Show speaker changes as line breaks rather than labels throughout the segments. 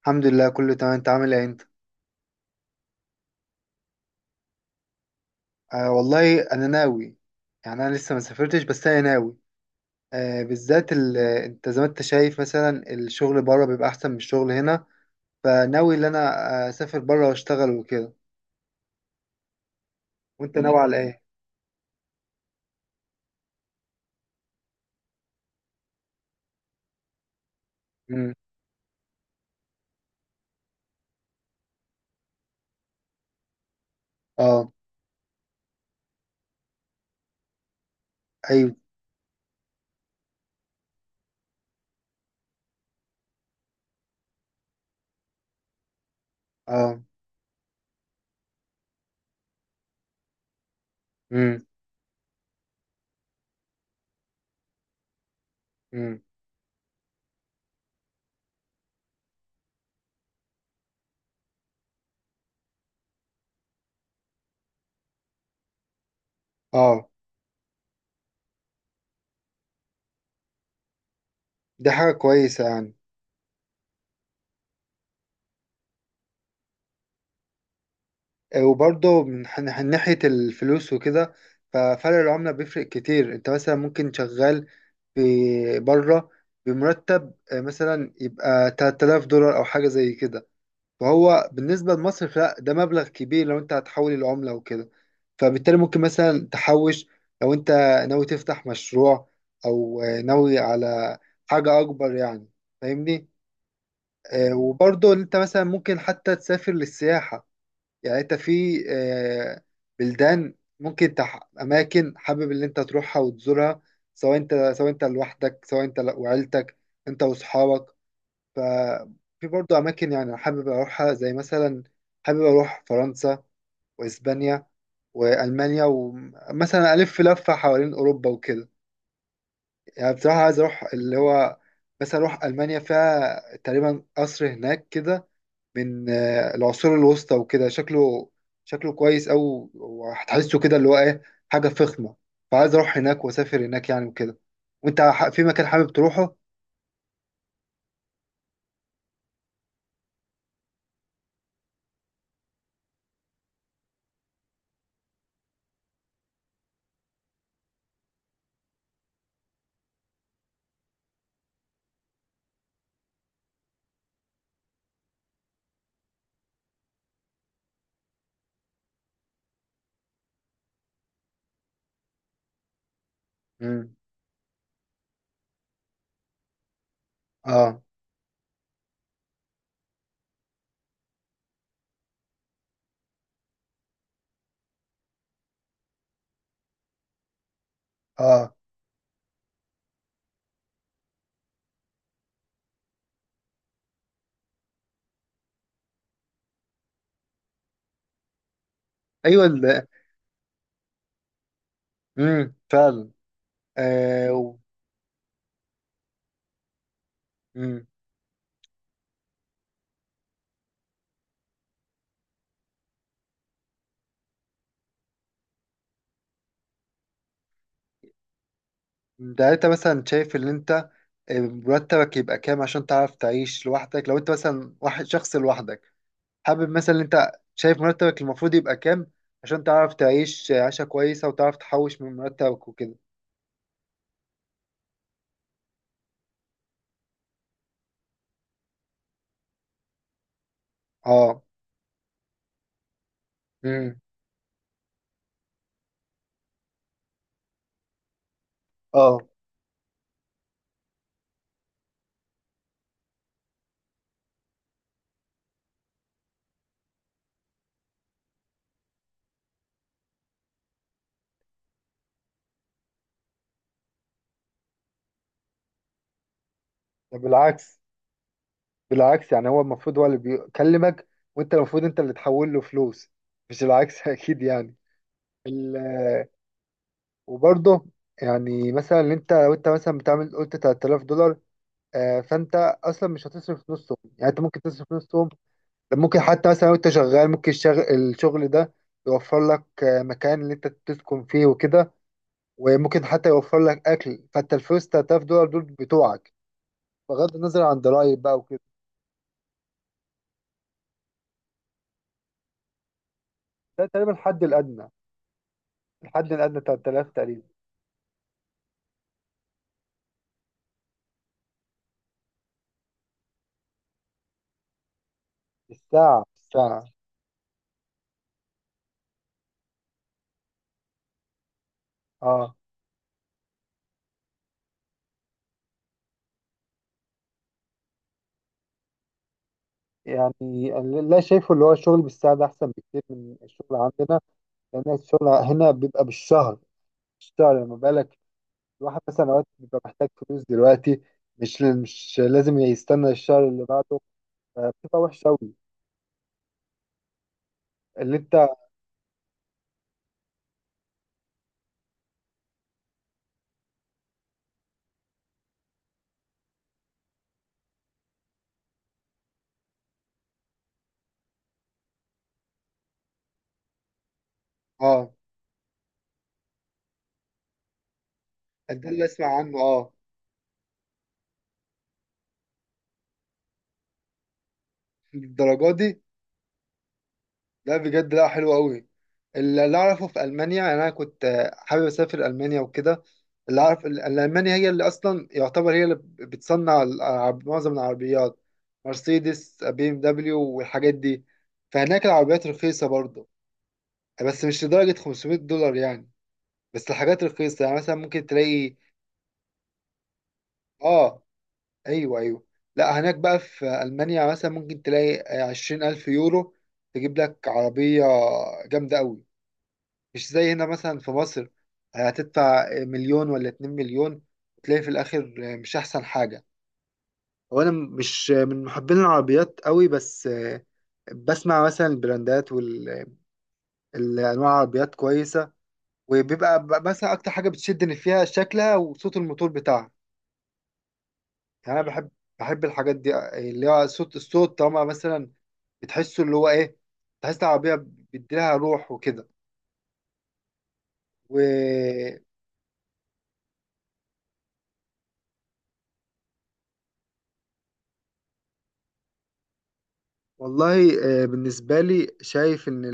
الحمد لله، كله تمام. انت عامل ايه انت؟ آه والله انا ناوي. يعني انا لسه ما سافرتش، بس انا ناوي. بالذات، انت زي ما انت شايف، مثلا الشغل بره بيبقى احسن من الشغل هنا. فناوي ان انا اسافر بره واشتغل وكده. وانت ناوي على ايه؟ امم. اه. ايوه. اه. امم. امم. اه. دي حاجة كويسة يعني. وبرضه من ناحية الفلوس وكده. ففرق العملة بيفرق كتير، انت مثلا ممكن شغال في بره بمرتب مثلا يبقى 3000 دولار او حاجة زي كده. فهو بالنسبة لمصر، لا ده مبلغ كبير لو انت هتحول العملة وكده. فبالتالي ممكن مثلا تحوش لو انت ناوي تفتح مشروع، او ناوي على حاجة اكبر يعني. فاهمني؟ وبرضه انت مثلا ممكن حتى تسافر للسياحة. يعني انت في اماكن حابب ان انت تروحها وتزورها، سواء انت لوحدك، سواء انت وعيلتك، انت واصحابك. ففي برضو اماكن يعني حابب اروحها، زي مثلا حابب اروح فرنسا واسبانيا والمانيا، ومثلا الف لفه حوالين اوروبا وكده. يعني بصراحه عايز اروح اللي هو مثلا اروح المانيا، فيها تقريبا قصر هناك كده من العصور الوسطى وكده. شكله كويس أوي، وهتحسه كده اللي هو إيه، حاجة فخمة. فعايز أروح هناك وأسافر هناك يعني وكده. وأنت في مكان حابب تروحه؟ مم. آه. آه. أيوه. مم. فعلا. آه. مم. ده انت مثلا شايف ان انت مرتبك يبقى كام عشان تعرف تعيش لوحدك؟ لو انت مثلا واحد شخص لوحدك، حابب مثلا ان انت شايف مرتبك المفروض يبقى كام عشان تعرف تعيش عيشة كويسة وتعرف تحوش من مرتبك وكده. اه. امم. اه. ده بالعكس، بالعكس. يعني هو المفروض هو اللي بيكلمك، وانت المفروض انت اللي تحول له فلوس، مش العكس اكيد يعني. ال- وبرضه يعني مثلا اللي انت، لو انت مثلا بتعمل قلت 3000 دولار، فانت اصلا مش هتصرف نصهم، يعني انت ممكن تصرف نصهم. ده ممكن حتى مثلا لو انت شغال، ممكن الشغل ده يوفر لك مكان اللي انت تسكن فيه وكده، وممكن حتى يوفر لك اكل. فانت الفلوس 3000 دولار دول بتوعك، بغض النظر عن ضرائب بقى. ده تقريبا الحد الأدنى، الحد الأدنى بتاع 3000 تقريبا. الساعة، الساعة. اه. يعني أنا لا شايفه، اللي هو الشغل بالساعة ده أحسن بكتير من الشغل عندنا، لأن الشغل هنا بيبقى بالشهر. بالشهر لما بالك الواحد مثلا أوقات بيبقى محتاج فلوس دلوقتي، مش لازم يستنى الشهر اللي بعده، فبتبقى وحشة أوي اللي أنت. اه. ده اللي أسمع عنه، اه. الدرجة دي؟ لا بجد، لا حلو قوي. اللي اعرفه في المانيا، يعني انا كنت حابب اسافر المانيا وكده. اللي اعرف المانيا هي اللي اصلا يعتبر، هي اللي بتصنع معظم العربيات، مرسيدس بي ام دبليو والحاجات دي. فهناك العربيات رخيصه برضه، بس مش لدرجه 500 دولار يعني. بس الحاجات رخيصه، يعني مثلا ممكن تلاقي. اه. ايوه، ايوه. لا هناك بقى في المانيا مثلا ممكن تلاقي 20000 يورو تجيب لك عربيه جامده قوي، مش زي هنا مثلا في مصر. هتدفع مليون ولا 2 مليون، وتلاقي في الآخر مش أحسن حاجة. هو أنا مش من محبين العربيات قوي، بس بسمع مثلا البراندات والأنواع، العربيات كويسة. وبيبقى مثلا أكتر حاجة بتشدني فيها شكلها وصوت الموتور بتاعها. يعني أنا بحب الحاجات دي، اللي هو صوت الصوت، طالما مثلا بتحسه اللي هو إيه، تحس العربية بيديلها روح وكده. والله، بالنسبة لي شايف إن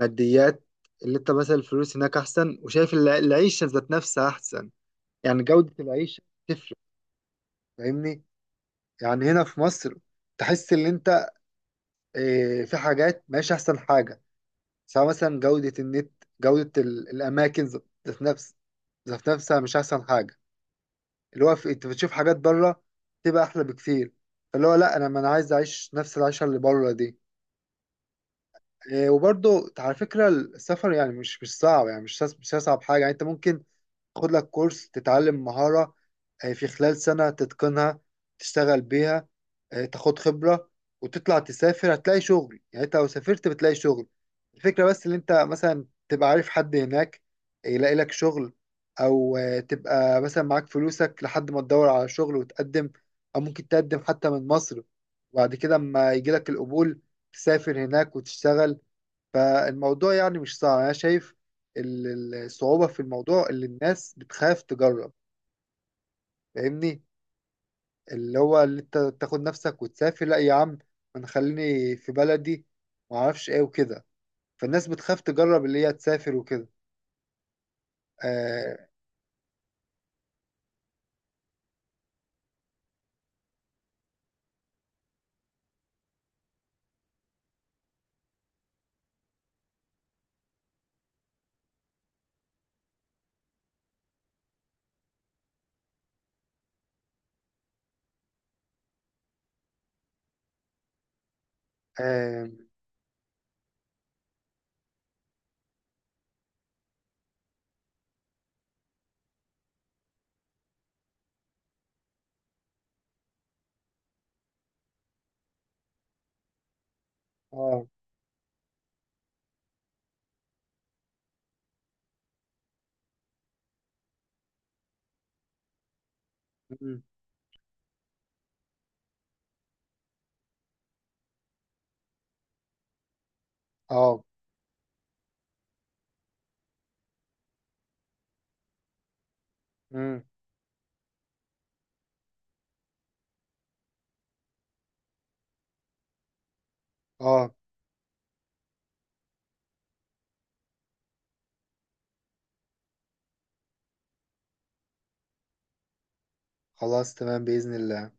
الماديات، اللي أنت مثلا الفلوس هناك أحسن، وشايف العيشة ذات نفسها أحسن. يعني جودة العيشة تفرق، فاهمني؟ يعني هنا في مصر تحس إن أنت في حاجات ماشي أحسن حاجة، سواء مثلا جودة النت، جودة الأماكن ذات نفس ذات نفسها مش أحسن حاجة. اللي هو أنت بتشوف حاجات بره تبقى أحلى بكتير. فاللي هو لأ، أنا ما أنا عايز أعيش نفس العيشة اللي بره دي. وبرضه على فكرة السفر يعني مش صعب، يعني مش أصعب حاجة. يعني أنت ممكن تاخد لك كورس، تتعلم مهارة، في خلال سنة تتقنها، تشتغل بيها، تاخد خبرة وتطلع تسافر، هتلاقي شغل. يعني أنت لو سافرت بتلاقي شغل. الفكرة بس إن أنت مثلا تبقى عارف حد هناك يلاقي لك شغل، أو تبقى مثلا معاك فلوسك لحد ما تدور على شغل وتقدم. أو ممكن تقدم حتى من مصر، وبعد كده أما يجيلك القبول تسافر هناك وتشتغل. فالموضوع يعني مش صعب انا شايف. الصعوبة في الموضوع اللي الناس بتخاف تجرب. فاهمني؟ اللي هو اللي انت تاخد نفسك وتسافر، لا يا عم، انا خليني في بلدي، ما اعرفش ايه وكده. فالناس بتخاف تجرب اللي هي تسافر وكده. اه. اه. اه. مم. اه. مم. آه. خلاص، تمام بإذن الله.